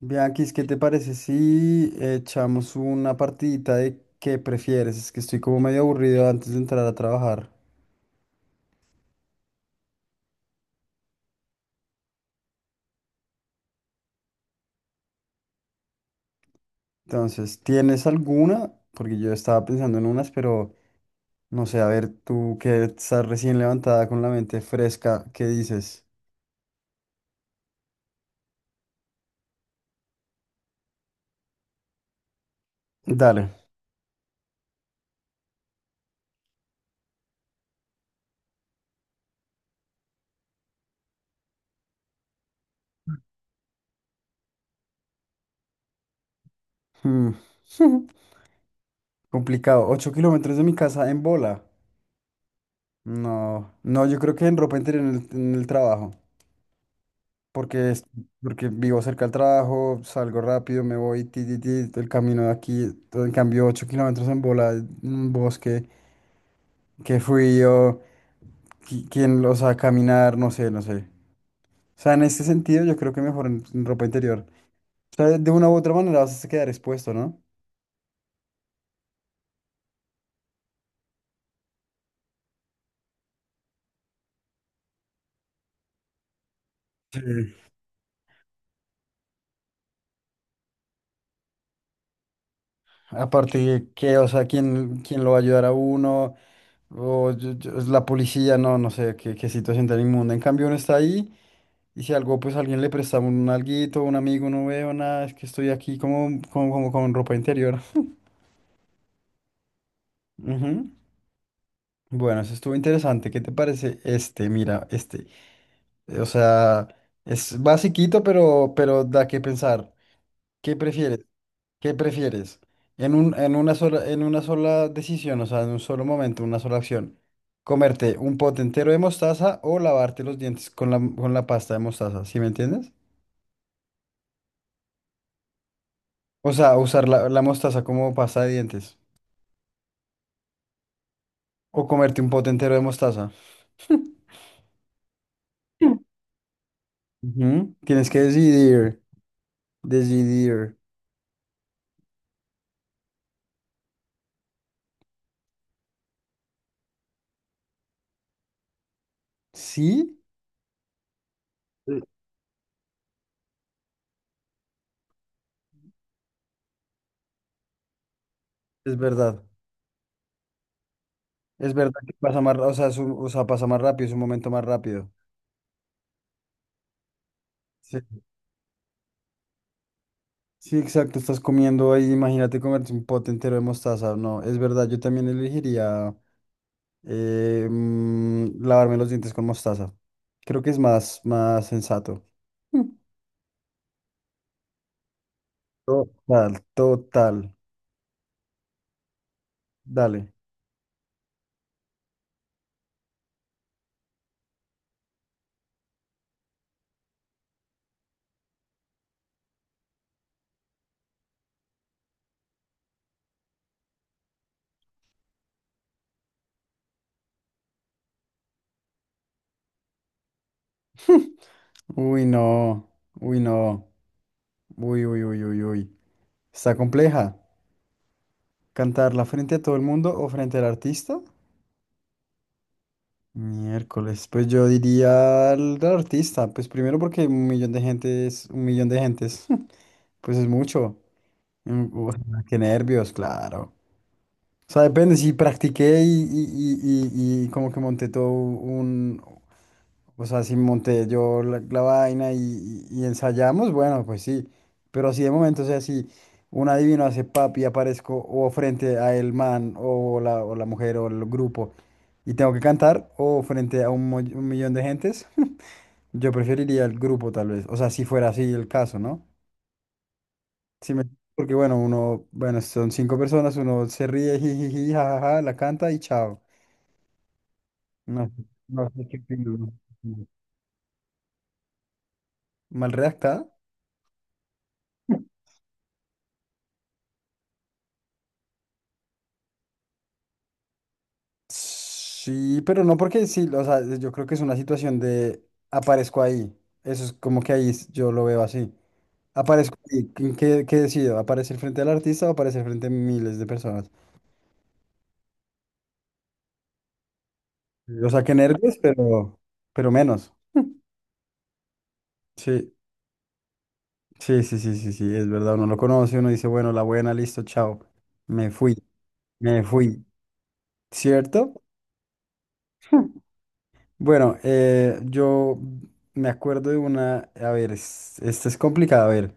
Bianquis, ¿qué te parece si echamos una partidita de qué prefieres? Es que estoy como medio aburrido antes de entrar a trabajar. Entonces, ¿tienes alguna? Porque yo estaba pensando en unas, pero no sé, a ver, tú que estás recién levantada con la mente fresca, ¿qué dices? Dale. Mm. Complicado. ¿Ocho kilómetros de mi casa en bola? No, no, yo creo que en ropa interior en el trabajo. porque, es- Porque vivo cerca del trabajo, salgo rápido, me voy, ti, ti, ti, el camino de aquí, todo, en cambio 8 kilómetros en bola, en un bosque, qué frío, quién los a caminar, no sé, no sé. O sea, en este sentido yo creo que mejor en ropa interior. O sea, de una u otra manera vas a quedar expuesto, ¿no? Sí. Aparte que, o sea, ¿quién lo va a ayudar a uno? Es la policía, no, no sé, qué situación tan inmunda. En cambio uno está ahí. Y si algo, pues alguien le presta un alguito, un amigo, no veo nada, es que estoy aquí como con ropa interior. Ujú. Bueno, eso estuvo interesante. ¿Qué te parece este? Mira, este. O sea, es basiquito, pero da que pensar. ¿Qué prefieres? ¿Qué prefieres? En una sola, en una sola decisión, o sea, en un solo momento, una sola acción. ¿Comerte un pote entero de mostaza o lavarte los dientes con la pasta de mostaza? ¿Sí me entiendes? O sea, usar la mostaza como pasta de dientes. O comerte un pote entero de mostaza. Ujú. Tienes que decidir. Sí. Mm. Es verdad. Es verdad que pasa más, o sea, o sea, pasa más rápido, es un momento más rápido. Sí, sí, exacto, estás comiendo ahí, imagínate comerte un pote entero de mostaza. No, es verdad, yo también elegiría lavarme los dientes con mostaza. Creo que es más, más sensato. Mm. Total, total. Dale. Uy, no. Uy, no. Uy, uy, uy, uy, uy. Está compleja. ¿Cantarla frente a todo el mundo o frente al artista? Miércoles. Pues yo diría al artista. Pues primero porque un millón de gentes, un millón de gentes. Pues es mucho. Mm, uf, qué nervios, claro. O sea, depende, si practiqué y como que monté todo un... O sea, si monté yo la vaina y ensayamos, bueno, pues sí. Pero así de momento, o sea, si un adivino hace papi, aparezco o frente a el man o la mujer o el grupo y tengo que cantar o frente a un millón de gentes, yo preferiría el grupo tal vez. O sea, si fuera así el caso, ¿no? Si me- Porque bueno, uno, bueno, son 5 personas, uno se ríe, jijiji, jajaja, la canta y chao. No, no sé qué opino. No. Mal redactada. Sí, pero no porque sí, o sea, yo creo que es una situación de aparezco ahí. Eso es como que yo lo veo así. Aparezco ahí. ¿Qué, qué decido? ¿Aparecer frente al artista o aparecer frente a miles de personas? O sea, que nervios, pero menos. Sí, sí, sí, sí, sí, sí, es verdad. Uno lo conoce, uno dice, bueno, la buena, listo, chao. Me fui, me fui. ¿Cierto? Bueno, yo me acuerdo de una, a ver, esta es complicada, a ver.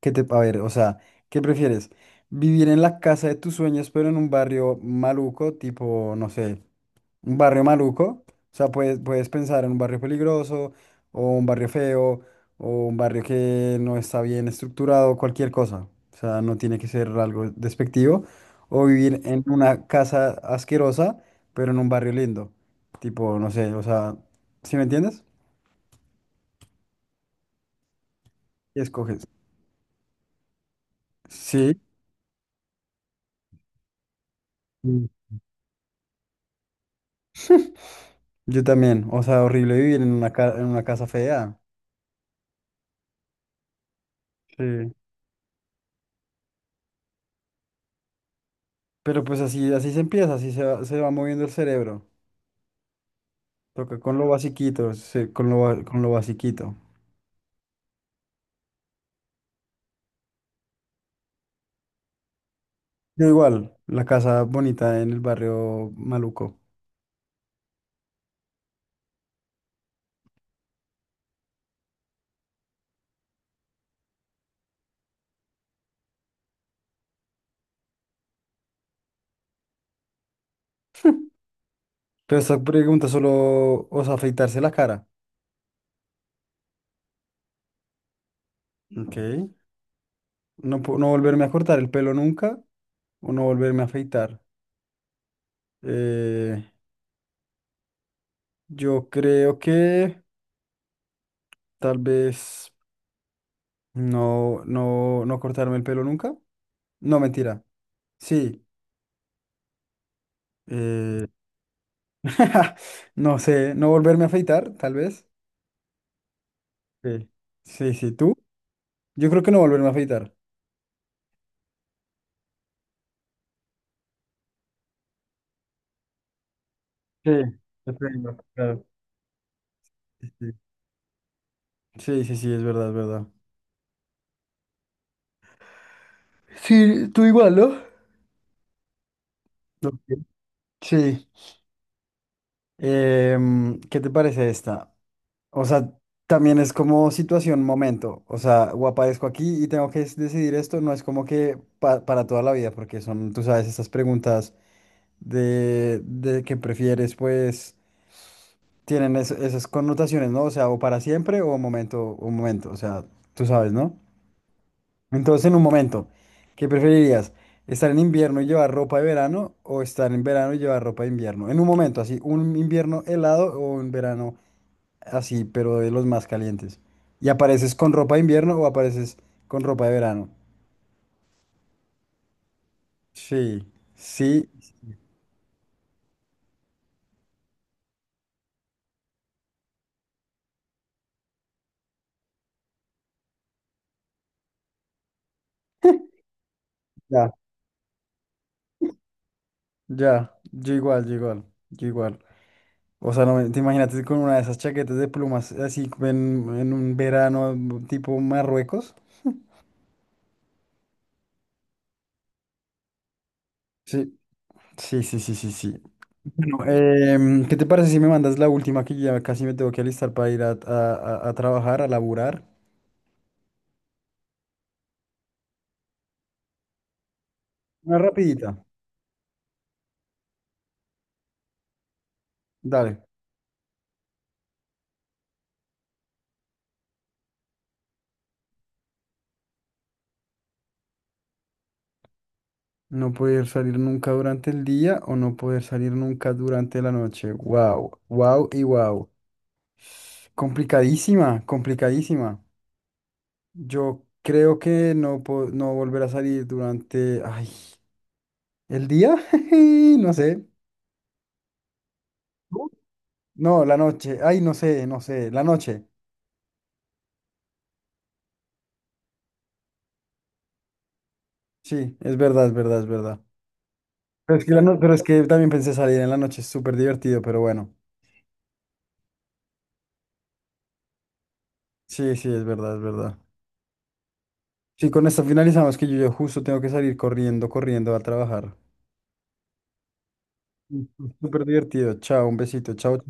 ¿Qué te, a ver, o sea, ¿qué prefieres? ¿Vivir en la casa de tus sueños, pero en un barrio maluco, tipo, no sé, un barrio maluco? O sea, puedes pensar en un barrio peligroso, o un barrio feo, o un barrio que no está bien estructurado, cualquier cosa. O sea, no tiene que ser algo despectivo. O vivir en una casa asquerosa, pero en un barrio lindo. Tipo, no sé, o sea, ¿sí me entiendes? ¿Qué escoges? Sí. Yo también, o sea, horrible vivir en una, en una casa fea. Sí. Pero pues así, así se empieza, así se va moviendo el cerebro. Toca con lo basiquito, con lo basiquito. Yo igual, la casa bonita en el barrio maluco. Pero esta pregunta solo, o sea, afeitarse la cara. Ok. No volverme a cortar el pelo nunca o no volverme a afeitar. Eh, yo creo que tal vez no cortarme el pelo nunca. No, mentira. Sí, eh, no sé, no volverme a afeitar, tal vez. Sí, sí, sí, ¿tú? Yo creo que no volverme a afeitar. Sí, depende, claro. Sí, sí, sí, sí, sí, es verdad, es verdad. Sí, tú igual, ¿no? Ok. Sí. ¿Qué te parece esta? O sea, también es como situación, momento. O sea, o aparezco aquí y tengo que decidir esto, no es como que para toda la vida, porque son, tú sabes, estas preguntas de qué prefieres, pues. Esas connotaciones, ¿no? O sea, o para siempre o momento, un momento, o sea, tú sabes, ¿no? Entonces, en un momento, ¿qué preferirías? ¿Estar en invierno y llevar ropa de verano o estar en verano y llevar ropa de invierno? En un momento, así, un invierno helado o un verano así, pero de los más calientes. ¿Y apareces con ropa de invierno o apareces con ropa de verano? Sí, sí, ya, ya, yo igual, yo igual, yo igual. O sea, no, te imagínate con una de esas chaquetas de plumas así en un verano tipo Marruecos. Sí, sí, sí, sí, sí, sí. Bueno, ¿qué te parece si me mandas la última que ya casi me tengo que alistar para ir a trabajar, a laburar? Una rapidita. Dale. No poder salir nunca durante el día o no poder salir nunca durante la noche. Wow, wow y wow. Complicadísima, complicadísima. Yo creo que no, no volver a salir durante... Ay. ¿El día? No sé. ¿Tú? No, la noche. Ay, no sé, no sé. La noche. Sí, es verdad, es verdad, es verdad. Pero es que, la no- pero es que también pensé salir en la noche, es súper divertido, pero bueno. Sí, sí, es verdad, es verdad. Sí, con esto finalizamos que yo justo tengo que salir corriendo a trabajar. Mm, súper divertido. Chao, un besito. Chao.